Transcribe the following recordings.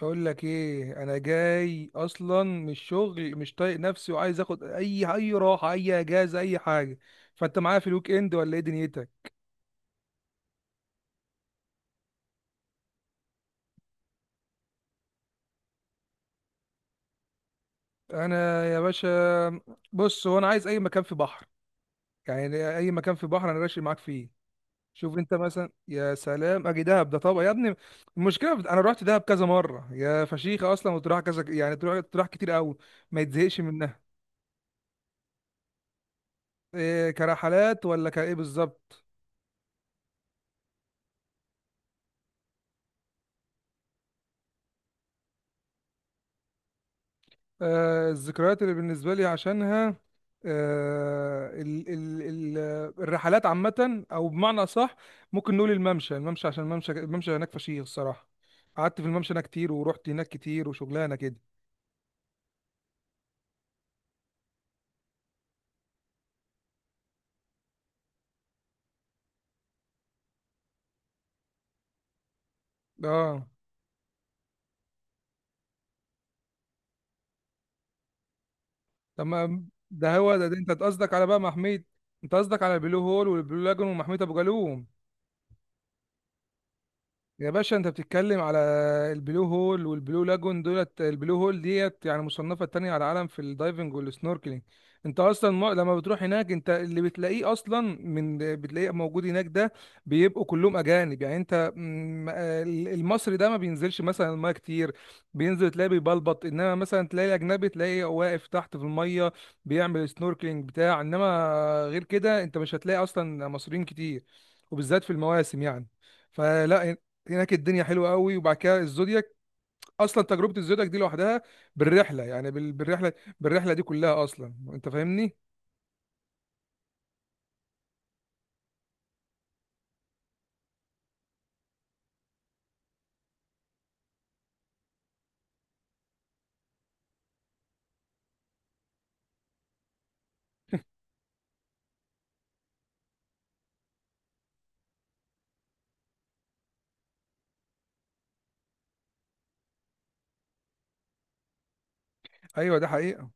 بقول لك ايه، انا جاي اصلا من الشغل مش طايق نفسي وعايز اخد اي راحه، اي اجازه، اي حاجه. فانت معايا في الويك اند ولا ايه دنيتك؟ انا يا باشا، بص، هو انا عايز اي مكان في بحر. يعني اي مكان في بحر انا راشي معاك فيه. شوف انت مثلا، يا سلام اجي دهب ده طبعا يا ابني. انا رحت دهب كذا مره يا فشيخه اصلا، وتروح كذا يعني، تروح كتير قوي، ما يتزهقش منها. إيه، كرحلات ولا كايه بالظبط؟ الذكريات اللي بالنسبة لي عشانها، آه، ال ال ال الرحلات عامة، أو بمعنى أصح ممكن نقول الممشى، عشان الممشى هناك فشيخ الصراحة. قعدت في الممشى هناك كتير، ورحت هناك كتير، وشغلانة كده. اه، تمام، ده هو ده. ده انت قصدك على بقى محمية؟ انت قصدك على البلو هول والبلو لاجون ومحمية ابو جالوم. يا باشا انت بتتكلم على البلو هول والبلو لاجون. دولت البلو هول ديت يعني مصنفة تانية على العالم في الدايفنج والسنوركلينج. انت اصلا، ما لما بتروح هناك، انت اللي بتلاقيه اصلا، من بتلاقيه موجود هناك ده بيبقوا كلهم اجانب. يعني انت المصري ده ما بينزلش مثلا المايه كتير، بينزل تلاقيه بيبلبط. انما مثلا تلاقي الاجنبي تلاقيه واقف تحت في الميه بيعمل سنوركلينج بتاع. انما غير كده انت مش هتلاقي اصلا مصريين كتير، وبالذات في المواسم يعني. فلا، هناك الدنيا حلوه قوي. وبعد كده الزودياك، اصلا تجربه الزودياك دي لوحدها، بالرحله، بالرحله دي كلها اصلا، انت فاهمني. ايوه ده حقيقه.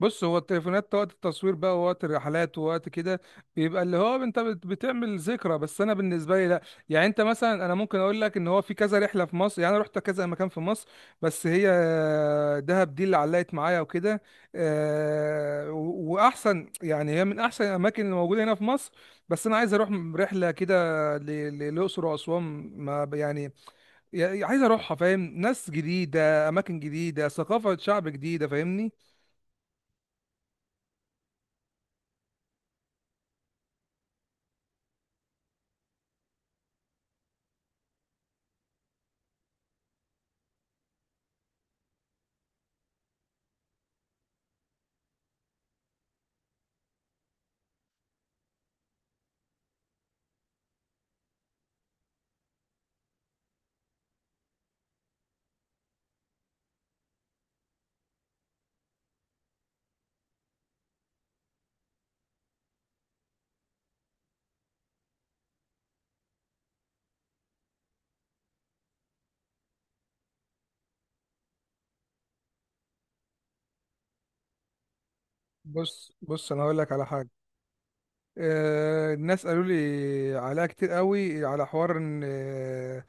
بص، هو التليفونات وقت التصوير بقى، ووقت الرحلات، ووقت كده، بيبقى اللي هو انت بتعمل ذكرى. بس انا بالنسبه لي لا. يعني انت مثلا، انا ممكن اقول لك ان هو في كذا رحله في مصر، يعني انا رحت كذا مكان في مصر. بس هي دهب دي اللي علقت معايا وكده. واحسن يعني، هي من احسن الاماكن اللي موجوده هنا في مصر. بس انا عايز اروح رحله كده للاقصر واسوان. ما ب- يعني يعني عايز اروحها، فاهم، ناس جديده، اماكن جديده، ثقافه شعب جديده، فاهمني. بص، انا هقول لك على حاجه. الناس قالوا لي عليها كتير قوي، على حوار ان آه،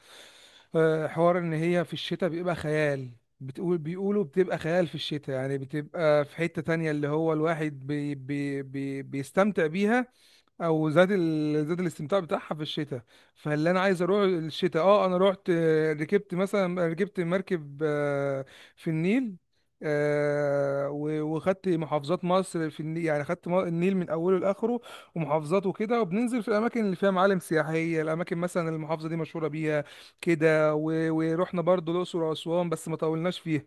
آه، حوار ان هي في الشتاء بيبقى خيال. بتقول بيقولوا بتبقى خيال في الشتاء، يعني بتبقى في حتة تانية اللي هو الواحد بي بي بي بيستمتع بيها، او زاد زاد الاستمتاع بتاعها في الشتاء. فاللي انا عايز اروح الشتاء. اه انا رحت، ركبت مثلا، ركبت مركب في النيل. وخدت محافظات مصر في النيل، يعني خدت النيل من اوله لاخره، ومحافظات وكده، وبننزل في الاماكن اللي فيها معالم سياحيه، الاماكن مثلا المحافظه دي مشهوره بيها كده. ورحنا برضو الاقصر واسوان بس ما طولناش فيها.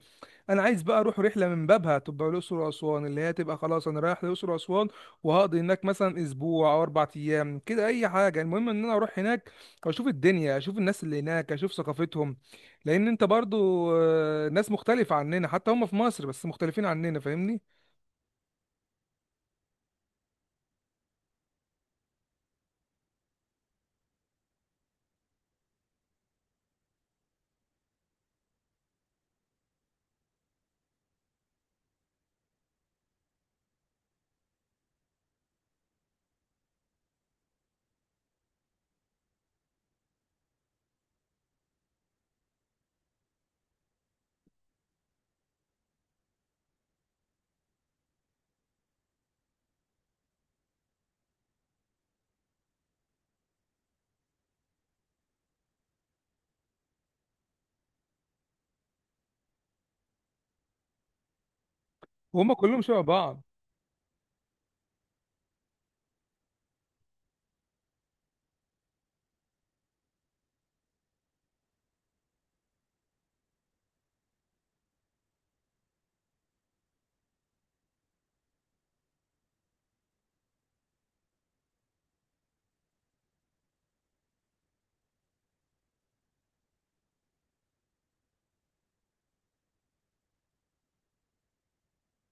انا عايز بقى اروح رحله من بابها تبقى الاقصر واسوان، اللي هي تبقى خلاص انا رايح الاقصر واسوان، وهقضي هناك مثلا اسبوع او اربع ايام كده، اي حاجه. المهم ان انا اروح هناك واشوف الدنيا، اشوف الناس اللي هناك، اشوف ثقافتهم، لان انت برضو، ناس مختلفه عننا، حتى هم في مصر بس مختلفين عننا، فاهمني. وهم كلهم شبه بعض.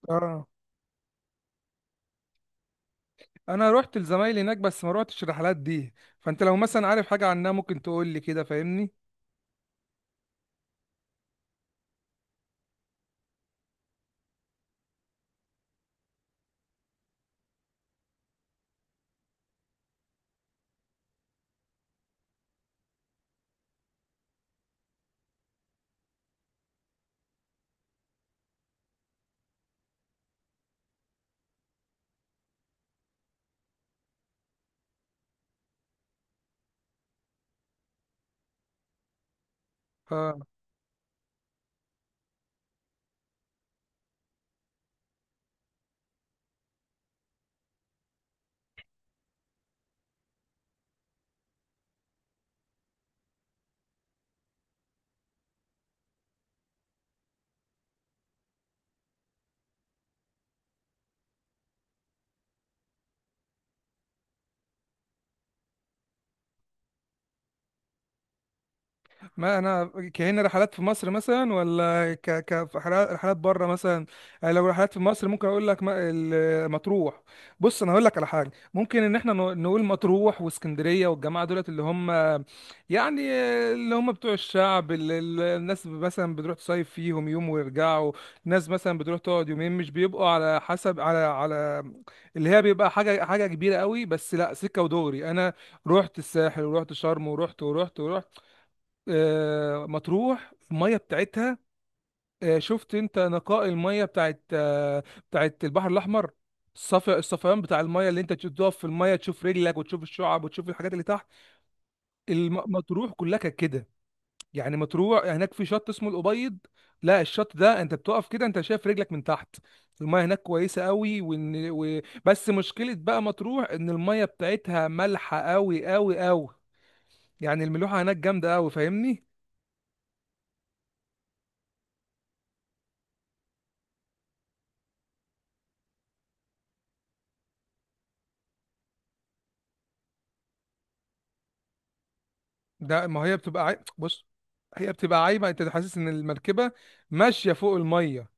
اه، انا رحت لزمايلي هناك بس ما روحتش الرحلات دي. فانت لو مثلا عارف حاجه عنها ممكن تقول لي كده، فاهمني. ما انا كهنا رحلات في مصر مثلا، ولا رحلات بره مثلا. يعني لو رحلات في مصر ممكن اقول لك مطروح. بص انا هقول لك على حاجه، ممكن ان احنا نقول مطروح واسكندريه، والجماعه دولت اللي هم يعني، اللي هم بتوع الشعب، الناس مثلا بتروح تصيف فيهم يوم ويرجعوا، ناس مثلا بتروح تقعد يومين، مش بيبقوا على حسب، على على اللي هي بيبقى حاجه كبيره قوي. بس لا، سكه ودغري، انا رحت الساحل، ورحت شرم، ورحت ورحت. مطروح الميه بتاعتها، شفت انت نقاء الميه بتاعت، بتاعت البحر الاحمر، الصفا الصفيان بتاع الميه، اللي انت تقف في الميه تشوف رجلك وتشوف الشعب وتشوف الحاجات اللي تحت. مطروح كلها كانت كده. يعني مطروح هناك في شط اسمه الابيض، لا، الشط ده انت بتقف كده انت شايف رجلك من تحت. الميه هناك كويسه قوي. بس مشكله بقى مطروح ان الميه بتاعتها مالحه قوي قوي قوي، يعني الملوحه هناك جامده قوي، فاهمني. ده، ما هي بص، هي بتبقى عايمه، انت حاسس ان المركبه ماشيه فوق الميه،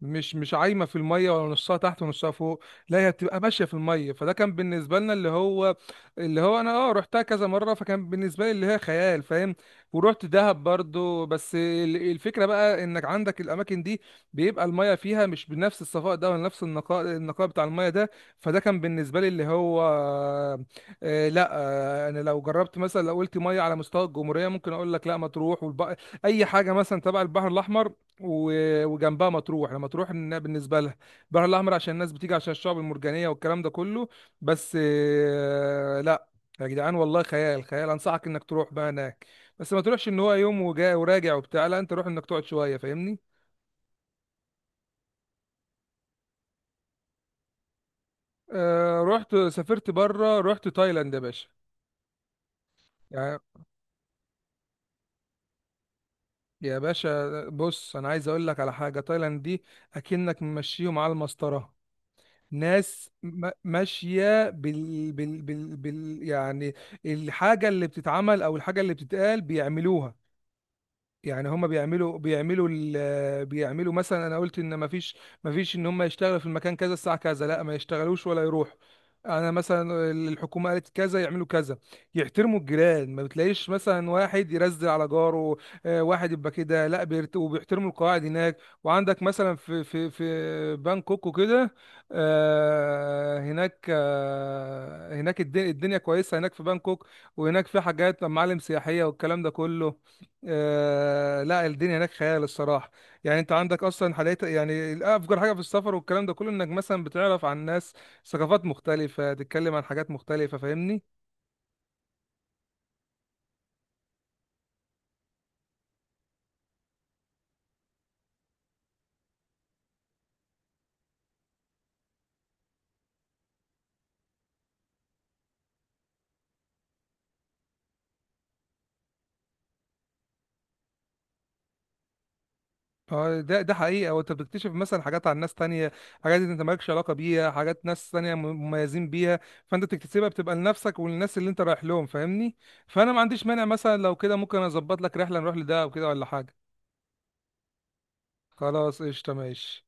مش عايمه في الميه، ولا نصها تحت ونصها فوق، لا هي بتبقى ماشيه في الميه. فده كان بالنسبه لنا اللي هو، اللي هو انا اه رحتها كذا مره، فكان بالنسبه لي اللي هي خيال، فاهم. ورحت دهب برضو. بس الفكره بقى انك عندك الاماكن دي، بيبقى الميه فيها مش بنفس الصفاء ده، ولا نفس النقاء، النقاء بتاع الميه ده. فده كان بالنسبه لي اللي هو، آه لا. آه، انا لو جربت مثلا، لو قلت ميه على مستوى الجمهوريه، ممكن اقول لك لا، ما تروح اي حاجه مثلا تبع البحر الاحمر، وجنبها مطروح. انا مطروح إنها بالنسبه لها البحر الاحمر، عشان الناس بتيجي عشان الشعب المرجانيه والكلام ده كله، بس لا. يا جدعان والله خيال، خيال، انصحك انك تروح بقى هناك. بس ما تروحش ان هو يوم وجاي وراجع وبتاع، لا، انت روح انك تقعد شويه، فاهمني. آه رحت، سافرت بره، رحت تايلاند يا باشا. يا يا باشا، بص انا عايز اقول لك على حاجه، تايلاند دي اكنك ممشيهم على المسطره. ناس ماشية يعني الحاجة اللي بتتعمل أو الحاجة اللي بتتقال بيعملوها. يعني هم بيعملوا، بيعملوا مثلا، انا قلت ان مفيش، مفيش ان هم يشتغلوا في المكان كذا الساعه كذا، لا ما يشتغلوش ولا يروحوا. انا مثلا الحكومه قالت كذا يعملوا كذا، يحترموا الجيران، ما بتلاقيش مثلا واحد يرزل على جاره، واحد يبقى كده لا وبيحترموا القواعد هناك. وعندك مثلا في في بانكوك وكده، هناك الدنيا كويسه هناك في بانكوك، وهناك في حاجات، معالم سياحيه، والكلام ده كله. آه لا الدنيا هناك خيال الصراحه. يعني انت عندك اصلا حاليا يعني افجر حاجه في السفر والكلام ده كله، انك مثلا بتعرف عن ناس، ثقافات مختلفه، تتكلم عن حاجات مختلفه، فاهمني. اه ده حقيقه. وانت بتكتشف مثلا حاجات عن ناس تانية، حاجات انت مالكش علاقه بيها، حاجات ناس تانية مميزين بيها، فانت بتكتسبها، بتبقى لنفسك وللناس اللي انت رايح لهم، فاهمني. فانا ما عنديش مانع، مثلا لو كده ممكن اظبط لك رحله نروح لده او كده ولا حاجه. خلاص قشطه ماشي.